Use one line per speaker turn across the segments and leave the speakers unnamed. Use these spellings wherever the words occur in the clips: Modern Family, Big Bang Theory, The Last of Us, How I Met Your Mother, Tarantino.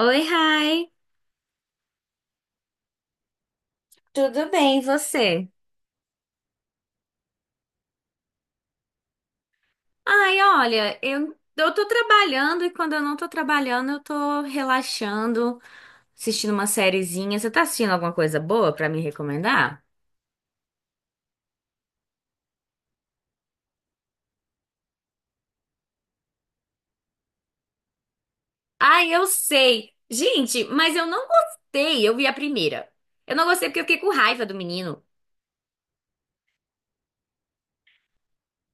Oi, Rai. Tudo bem, e você? Olha, eu tô trabalhando e quando eu não tô trabalhando, eu tô relaxando, assistindo uma sériezinha. Você tá assistindo alguma coisa boa pra me recomendar? Ai, eu sei. Gente, mas eu não gostei. Eu vi a primeira. Eu não gostei porque eu fiquei com raiva do menino.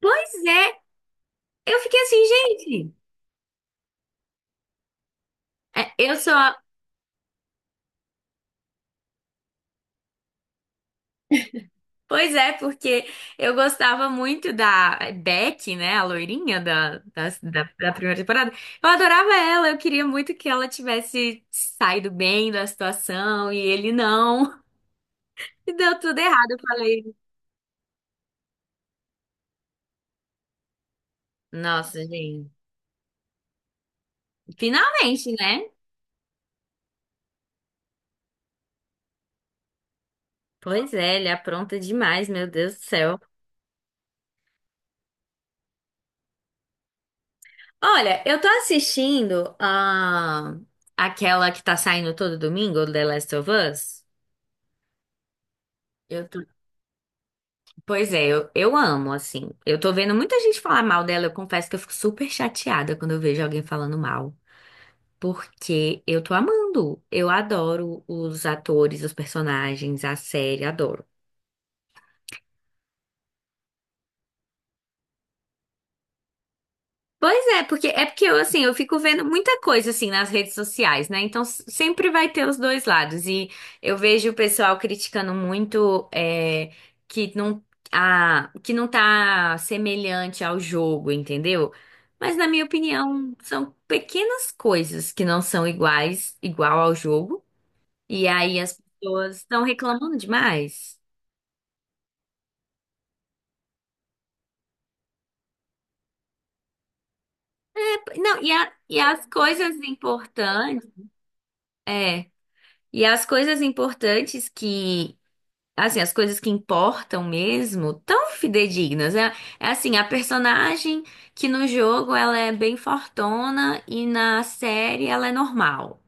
Pois é, eu fiquei assim, gente. Eu sou. Pois é, porque eu gostava muito da Beck, né? A loirinha da primeira temporada. Eu adorava ela, eu queria muito que ela tivesse saído bem da situação e ele não. E deu tudo errado, eu falei. Nossa, gente. Finalmente, né? Pois é, ele apronta demais, meu Deus do céu. Olha, eu tô assistindo aquela que tá saindo todo domingo, The Last of Us. Eu tô Pois é, eu amo, assim. Eu tô vendo muita gente falar mal dela. Eu confesso que eu fico super chateada quando eu vejo alguém falando mal. Porque eu tô amando. Eu adoro os atores, os personagens, a série, adoro. Pois é porque eu assim, eu fico vendo muita coisa assim nas redes sociais, né? Então sempre vai ter os dois lados. E eu vejo o pessoal criticando muito que não que não tá semelhante ao jogo, entendeu? Mas na minha opinião, são pequenas coisas que não são iguais, igual ao jogo. E aí as pessoas estão reclamando demais. Não, e, e as coisas importantes, é, e as coisas importantes que assim, as coisas que importam mesmo, tão fidedignas. É, é assim, a personagem que no jogo ela é bem fortona e na série ela é normal.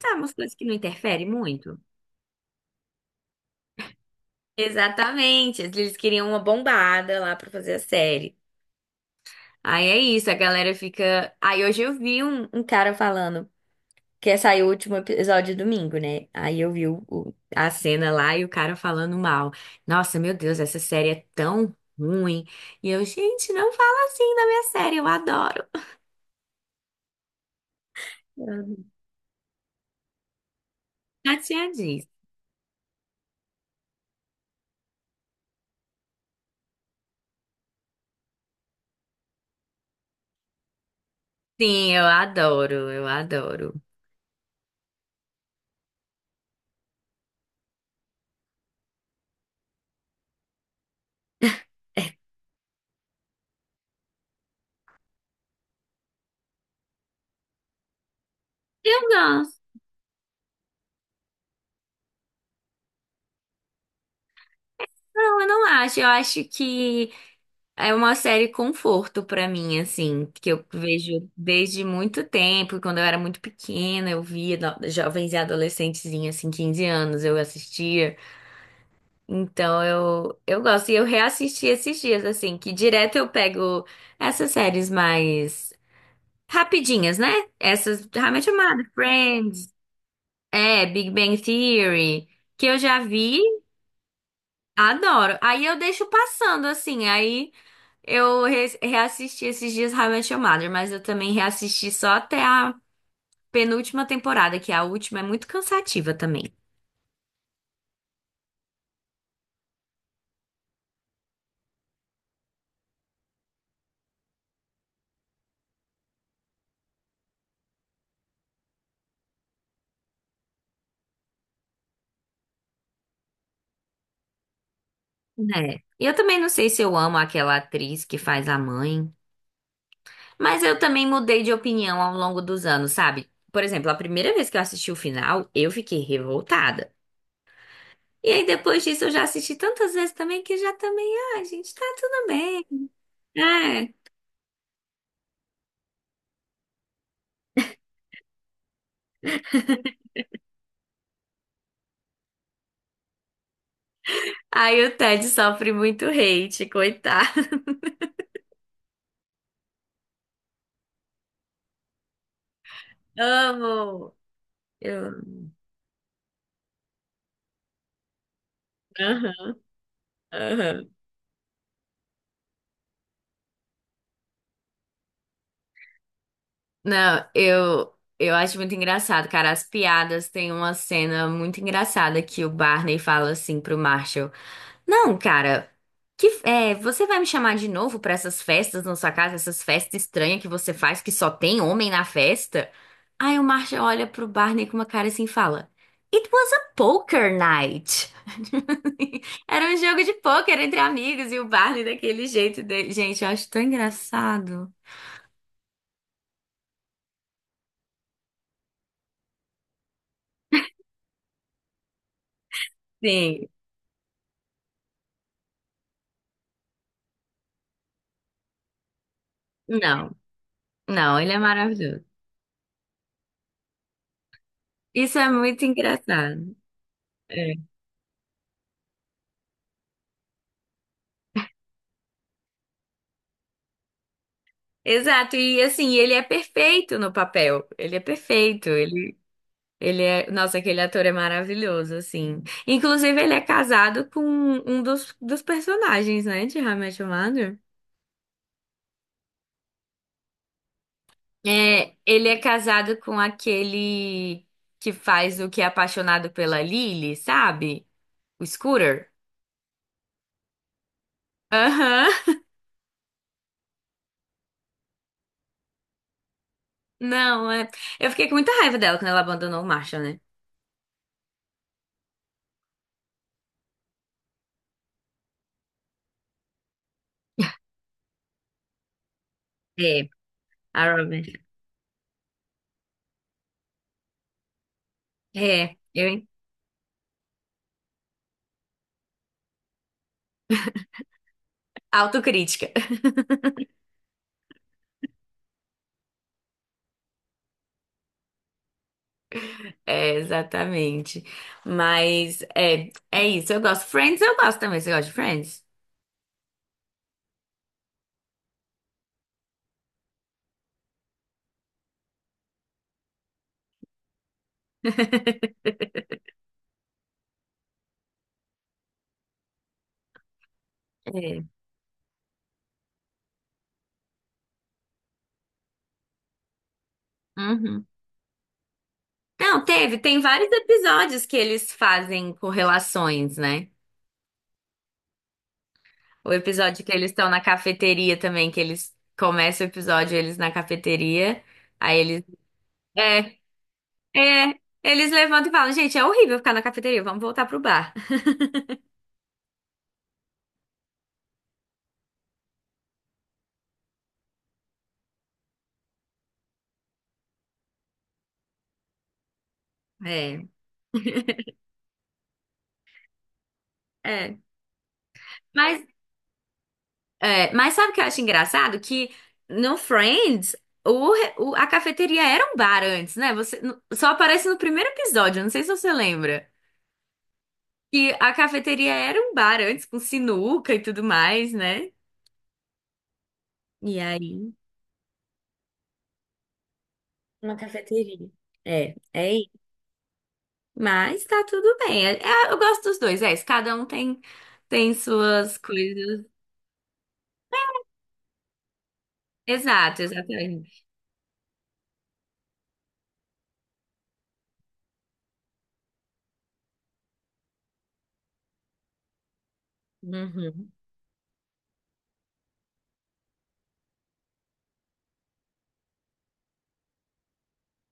Sabe, umas coisas que não interferem muito. Exatamente, eles queriam uma bombada lá pra fazer a série. Aí é isso, a galera fica. Aí hoje eu vi um cara falando. Que saiu o último episódio domingo, né? Aí eu vi a cena lá e o cara falando mal. Nossa, meu Deus, essa série é tão ruim. E eu, gente, não fala assim da minha série, eu adoro. Uhum. Já tinha dito. Sim, eu adoro, eu adoro. Eu gosto. Não, eu não acho. Eu acho que é uma série conforto pra mim, assim, que eu vejo desde muito tempo. Quando eu era muito pequena, eu via jovens e adolescentezinha, assim, 15 anos, eu assistia. Então eu gosto. E eu reassisti esses dias, assim, que direto eu pego essas séries mais rapidinhas, né? Essas, How I Met Your Mother, Friends, Big Bang Theory, que eu já vi, adoro. Aí eu deixo passando, assim, aí eu reassisti esses dias How I Met Your Mother, mas eu também reassisti só até a penúltima temporada, que a última é muito cansativa também, né? E eu também não sei se eu amo aquela atriz que faz a mãe. Mas eu também mudei de opinião ao longo dos anos, sabe? Por exemplo, a primeira vez que eu assisti o final, eu fiquei revoltada. E aí depois disso eu já assisti tantas vezes também que já também, ah, gente, tá tudo bem. É. Aí o Ted sofre muito hate, coitado. Amo. Eu... Aham, aham. Não, eu acho muito engraçado, cara. As piadas tem uma cena muito engraçada que o Barney fala assim pro Marshall. Não, cara. Que, é, você vai me chamar de novo pra essas festas na sua casa, essas festas estranhas que você faz que só tem homem na festa? Aí o Marshall olha pro Barney com uma cara assim e fala: It was a poker night. Era um jogo de poker entre amigos e o Barney daquele jeito. Dele. Gente, eu acho tão engraçado. Sim. Não, não, ele é maravilhoso. Isso é muito engraçado. É. Exato, e assim, ele é perfeito no papel. Ele é perfeito. Ele é, nossa, aquele ator é maravilhoso, assim. Inclusive, ele é casado com um dos personagens, né, de How I Met Your Mother. É, ele é casado com aquele que faz o que é apaixonado pela Lily, sabe? O Scooter. Aham. Não, é. Eu fiquei com muita raiva dela quando ela abandonou o Marshall, né? É, a Robin. É, eu. Autocrítica. É, exatamente. Mas é, é isso. Eu gosto. Friends, eu gosto também. Você gosta de Friends? É. Uhum. Não, teve, tem vários episódios que eles fazem correlações, né? O episódio que eles estão na cafeteria também, que eles começam o episódio eles na cafeteria, aí eles é, é, eles levantam e falam, gente, é horrível ficar na cafeteria, vamos voltar pro bar. É, é. Mas, é, mas sabe o que eu acho engraçado? Que no Friends, a cafeteria era um bar antes, né? Você, só aparece no primeiro episódio, não sei se você lembra. Que a cafeteria era um bar antes, com sinuca e tudo mais, né? E aí, uma cafeteria. É, é isso. Mas tá tudo bem. É, é, eu gosto dos dois, é isso. Cada um tem, tem suas coisas. Exato, exatamente. Uhum.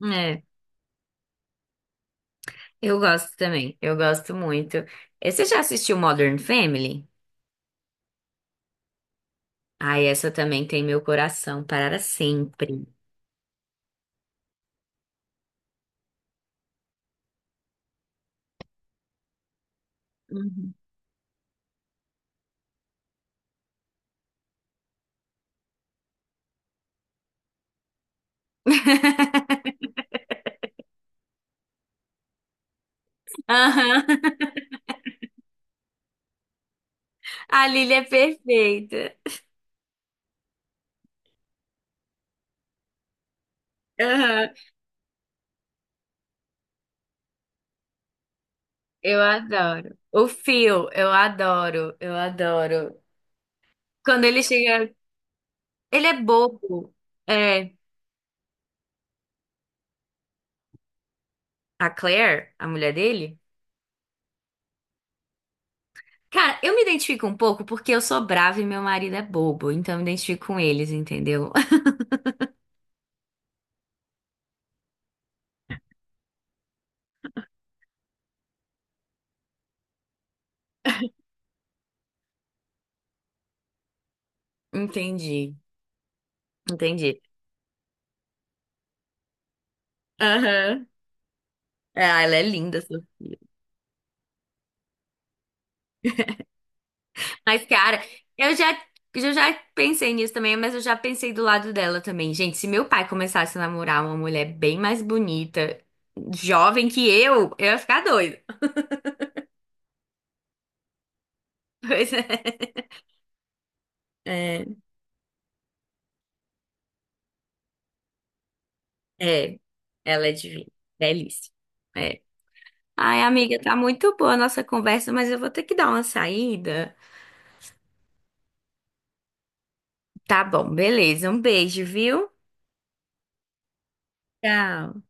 É, eu gosto também. Eu gosto muito. Você já assistiu Modern Family? Ah, essa também tem meu coração para sempre. Uhum. Aham. A Lily é perfeita. Aham. Eu adoro. O Phil, eu adoro, eu adoro. Quando ele chega, ele é bobo. É, a Claire, a mulher dele. Cara, eu me identifico um pouco porque eu sou brava e meu marido é bobo, então eu me identifico com eles, entendeu? Entendi, entendi. Aham. Ah, ela é linda, Sofia. Mas, cara, eu já, eu já pensei nisso também, mas eu já pensei do lado dela também. Gente, se meu pai começasse a namorar uma mulher bem mais bonita, jovem que eu ia ficar doida. Pois é. É, é. Ela é divina. Delícia. É. Ai, amiga, tá muito boa a nossa conversa, mas eu vou ter que dar uma saída. Tá bom, beleza. Um beijo, viu? Tchau.